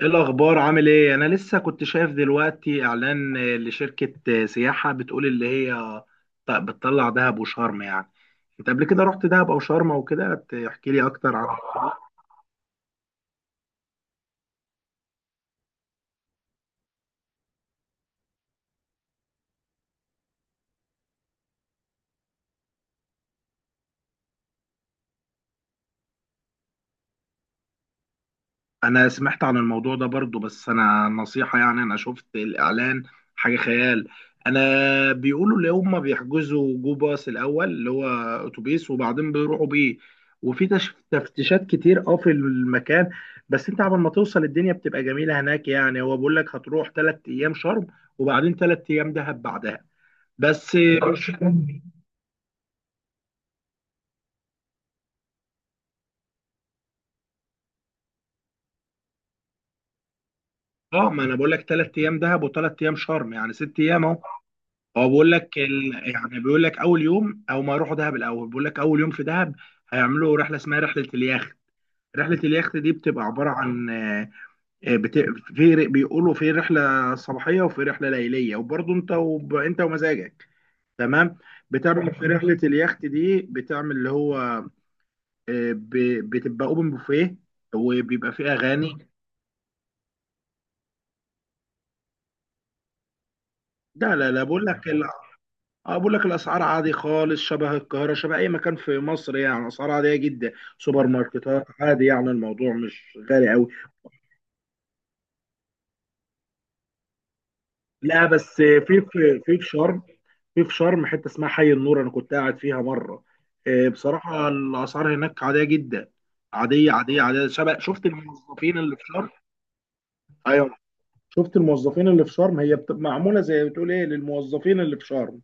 ايه الاخبار؟ عامل ايه؟ انا لسه كنت شايف دلوقتي اعلان لشركة سياحة بتقول اللي هي بتطلع دهب وشرم يعني. انت قبل كده رحت دهب او شرم او كده؟ تحكي لي اكتر عن الموضوع؟ انا سمعت عن الموضوع ده برضو، بس انا نصيحة، يعني انا شفت الاعلان حاجة خيال. انا بيقولوا اللي هم بيحجزوا جو باص الاول اللي هو اتوبيس، وبعدين بيروحوا بيه، وفي تفتيشات كتير اه في المكان. بس انت قبل ما توصل الدنيا بتبقى جميلة هناك، يعني هو بيقول لك هتروح تلات ايام شرم وبعدين تلات ايام دهب بعدها. بس مش اه. ما انا بقول لك تلات ايام دهب وتلات ايام شرم، يعني ست ايام اهو. هو بيقول لك ال... يعني بيقول لك اول يوم، او ما يروحوا دهب الاول، بيقول لك اول يوم في دهب هيعملوا رحله اسمها رحله اليخت. رحله اليخت دي بتبقى عباره عن آه، بت... في بيقولوا في رحله صباحيه وفي رحله ليليه، وبرضه انت انت ومزاجك تمام. بتعمل في رحله اليخت دي، بتعمل اللي هو آه، ب... بتبقى اوبن بوفيه، وبيبقى فيه اغاني. لا لا لا، بقول لك، اه بقول لك الاسعار عادي خالص، شبه القاهره، شبه اي مكان في مصر، يعني اسعار عاديه جدا. سوبر ماركتات عادي، يعني الموضوع مش غالي قوي. لا، بس في في شرم، في شرم حته اسمها حي النور انا كنت قاعد فيها مره. بصراحه الاسعار هناك عاديه جدا. عاديه عاديه عاديه. شبه شفت الموظفين اللي في شرم. ايوه، شفت الموظفين اللي في شرم هي معموله، زي بتقول ايه للموظفين اللي في شرم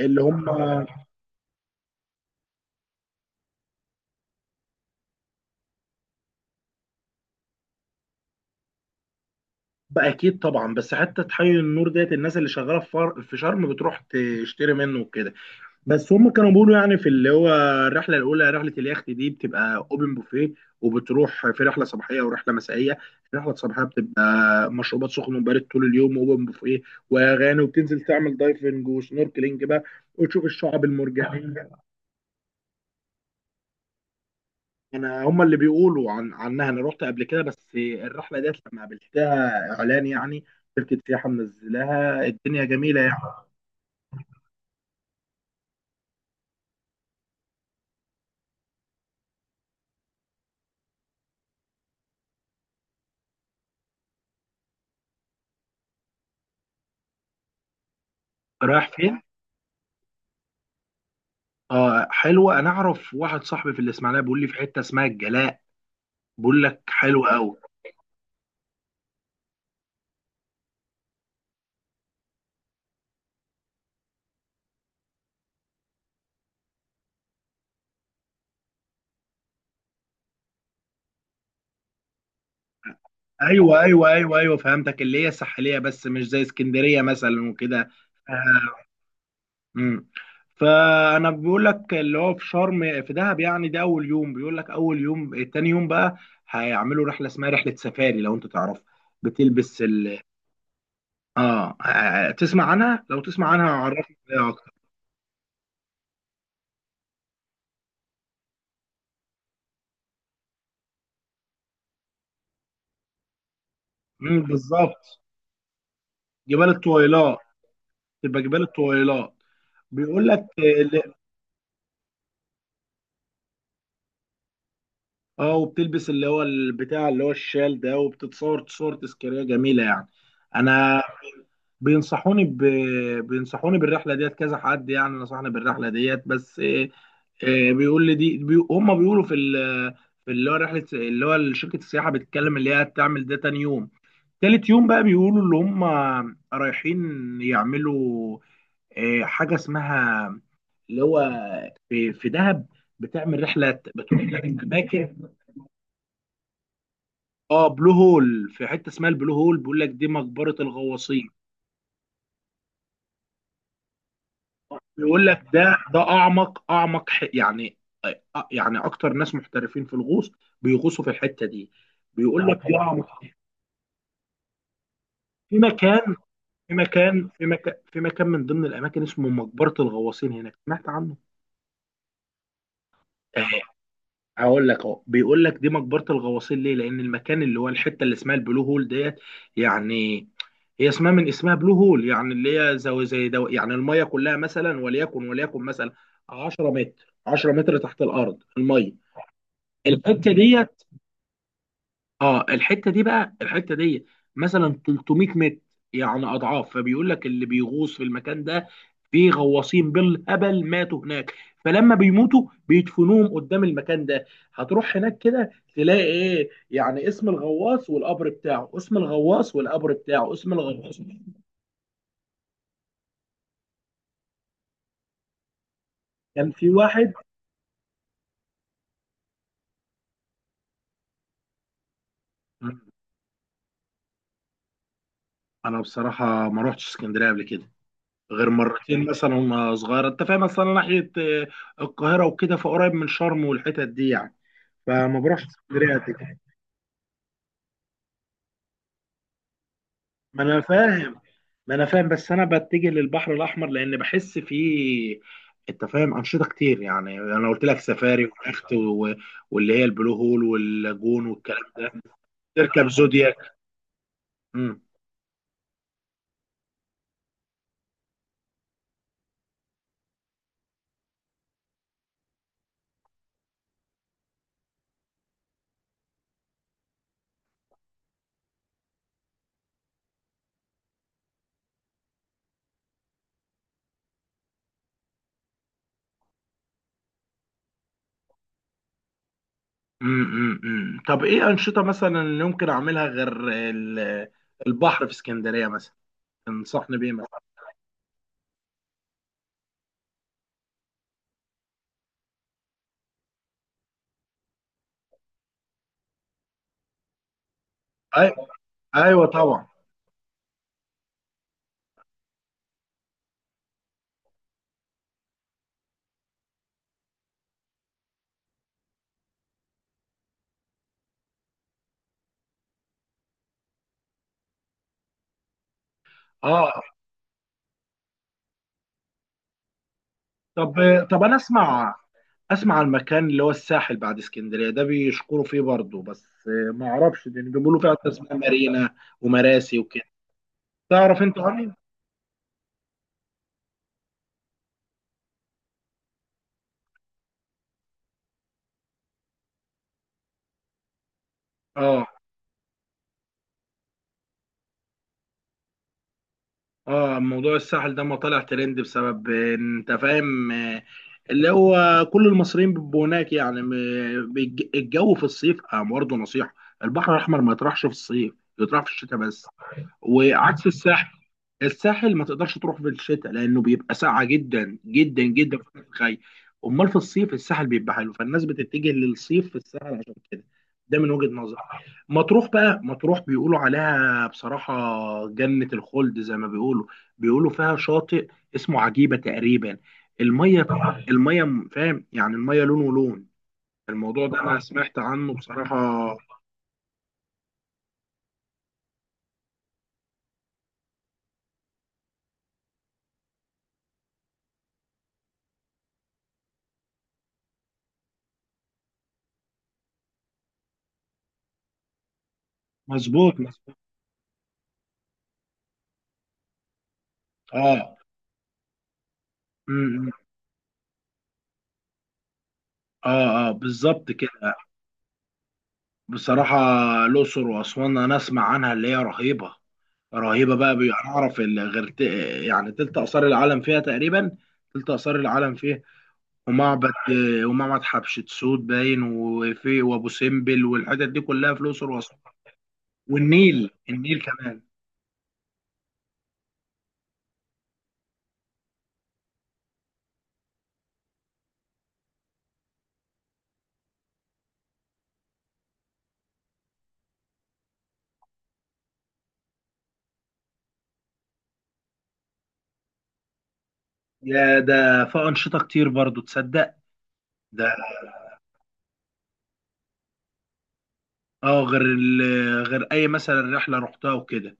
اللي هم. بقى اكيد طبعا. بس حتى تحيي النور ديت الناس اللي شغاله في في شرم بتروح تشتري منه وكده. بس هم كانوا بيقولوا يعني في اللي هو الرحله الاولى رحله اليخت دي بتبقى اوبن بوفيه، وبتروح في رحله صباحيه ورحله مسائيه. الرحله الصباحيه بتبقى مشروبات سخن وبارد طول اليوم، واوبن بوفيه واغاني، وبتنزل تعمل دايفنج وسنوركلينج بقى وتشوف الشعاب المرجانيه. انا هما اللي بيقولوا عنها. انا رحت قبل كده، بس الرحله ديت لما قابلتها اعلان، يعني شركه سياحه منزلاها الدنيا جميله يعني. رايح فين؟ اه حلوه. انا اعرف واحد صاحبي في الاسماعيليه بيقول لي في حته اسمها الجلاء، بيقول لك حلوه قوي. ايوه ايوه ايوه ايوه، فهمتك، اللي هي ساحليه بس مش زي اسكندريه مثلا وكده. امم، فانا بيقول لك اللي هو في شرم في دهب، يعني ده اول يوم، بيقول لك اول يوم. تاني يوم بقى هيعملوا رحله اسمها رحله سفاري لو انت تعرفها، بتلبس ال اه. تسمع عنها؟ لو تسمع عنها هعرفك عليها اكتر. امم، بالظبط. جبال الطويلات، تبقى جبال الطويلات. بيقول لك اللي... اه، وبتلبس اللي هو البتاع اللي هو الشال ده، وبتتصور تصور تذكاريه جميله يعني. انا بينصحوني ب... بينصحوني بالرحله ديت كذا حد، يعني نصحني بالرحله ديت، بس إيه إيه بيقول لي دي هم بيقولوا في ال... في اللي هو رحله اللي هو شركه السياحه بتتكلم اللي هي هتعمل ده تاني يوم. تالت يوم بقى بيقولوا اللي هم رايحين يعملوا إيه حاجه اسمها اللي هو في في دهب بتعمل رحله بتروح اماكن. اه، بلو هول، في حته اسمها البلو هول بيقول لك دي مقبره الغواصين. بيقول لك ده ده اعمق اعمق يعني يعني اكتر ناس محترفين في الغوص بيغوصوا في الحته دي. بيقول اه لك طبعا يا. في مكان في مكان من ضمن الاماكن اسمه مقبره الغواصين هناك، سمعت عنه؟ آه، هقول لك اهو. بيقول لك دي مقبره الغواصين ليه؟ لان المكان اللي هو الحته اللي اسمها البلو هول ديت، يعني هي اسمها من اسمها بلو هول، يعني اللي هي زي زي دو، يعني الميه كلها مثلا، وليكن مثلا 10 متر، 10 متر تحت الارض الميه. الحته ديت، اه الحته دي بقى، الحته دي مثلا 300 متر، يعني اضعاف. فبيقول لك اللي بيغوص في المكان ده، في غواصين بالهبل ماتوا هناك، فلما بيموتوا بيدفنوهم قدام المكان ده. هتروح هناك كده تلاقي ايه، يعني اسم الغواص والقبر بتاعه، اسم الغواص والقبر بتاعه، اسم الغواص. كان في واحد. انا بصراحه ما روحتش اسكندريه قبل كده غير مرتين مثلا وانا صغير، انت فاهم، مثلا ناحيه القاهره وكده، فقريب من شرم والحتت دي يعني، فما بروحش اسكندريه قد كده. ما انا فاهم، ما انا فاهم، بس انا بتجه للبحر الاحمر لان بحس فيه، انت فاهم، انشطه كتير، يعني انا قلت لك سفاري ويخت واللي هي البلو هول واللاجون والكلام ده. تركب زودياك. امم امم، طب ايه انشطه مثلا اللي ممكن اعملها غير البحر في اسكندريه مثلا تنصحني بيه مثلا؟ أي... ايوه طبعا. اه، طب طب انا اسمع، اسمع المكان اللي هو الساحل بعد اسكندريه ده بيشكروا فيه برضه، بس ما اعرفش، لان بيقولوا فيها أكتر اسمها مارينا ومراسي وكده. تعرف انت عني؟ اه اه، موضوع الساحل ده ما طلع ترند بسبب انت فاهم اللي هو كل المصريين بيبقوا هناك يعني، الجو في الصيف اه. برضه نصيحه، البحر الاحمر ما يطرحش في الصيف، يطرح في الشتاء بس. وعكس الساحل، الساحل ما تقدرش تروح في الشتاء لانه بيبقى ساقعه جدا جدا جدا في الخي. امال في الصيف الساحل بيبقى حلو، فالناس بتتجه للصيف في الساحل عشان كده، ده من وجهة نظري. مطروح بقى، مطروح بيقولوا عليها بصراحة جنة الخلد زي ما بيقولوا. بيقولوا فيها شاطئ اسمه عجيبة تقريبا، المية، المية فاهم يعني المية لون ولون. الموضوع ده انا سمعت عنه بصراحة. مظبوط مظبوط. اه اه اه، بالظبط كده. بصراحة الأقصر وأسوان أنا أسمع عنها اللي هي رهيبة. رهيبة بقى، بيعرف اللي غير يعني تلت آثار العالم فيها تقريبا، تلت آثار العالم فيها، ومعبد، ومعبد حتشبسوت باين، وفي وأبو سمبل، والحتت دي كلها في الأقصر وأسوان. والنيل، النيل كمان. يا ده في أنشطة كتير برضو تصدق ده اه، غير أي مثلا رحلة رحتها وكده.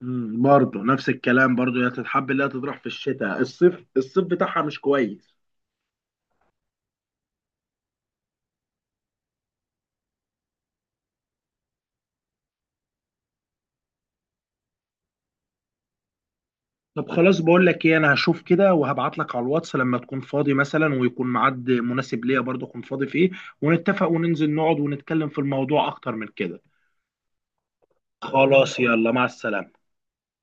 برضه نفس الكلام، برضه هي تتحب اللي هي تطرح في الشتاء، الصيف الصيف بتاعها مش كويس. طب خلاص، بقول لك ايه، انا هشوف كده وهبعت لك على الواتس لما تكون فاضي مثلا ويكون ميعاد مناسب ليا برضه اكون فاضي فيه، ونتفق وننزل نقعد ونتكلم في الموضوع اكتر من كده. خلاص يلا، مع السلامة.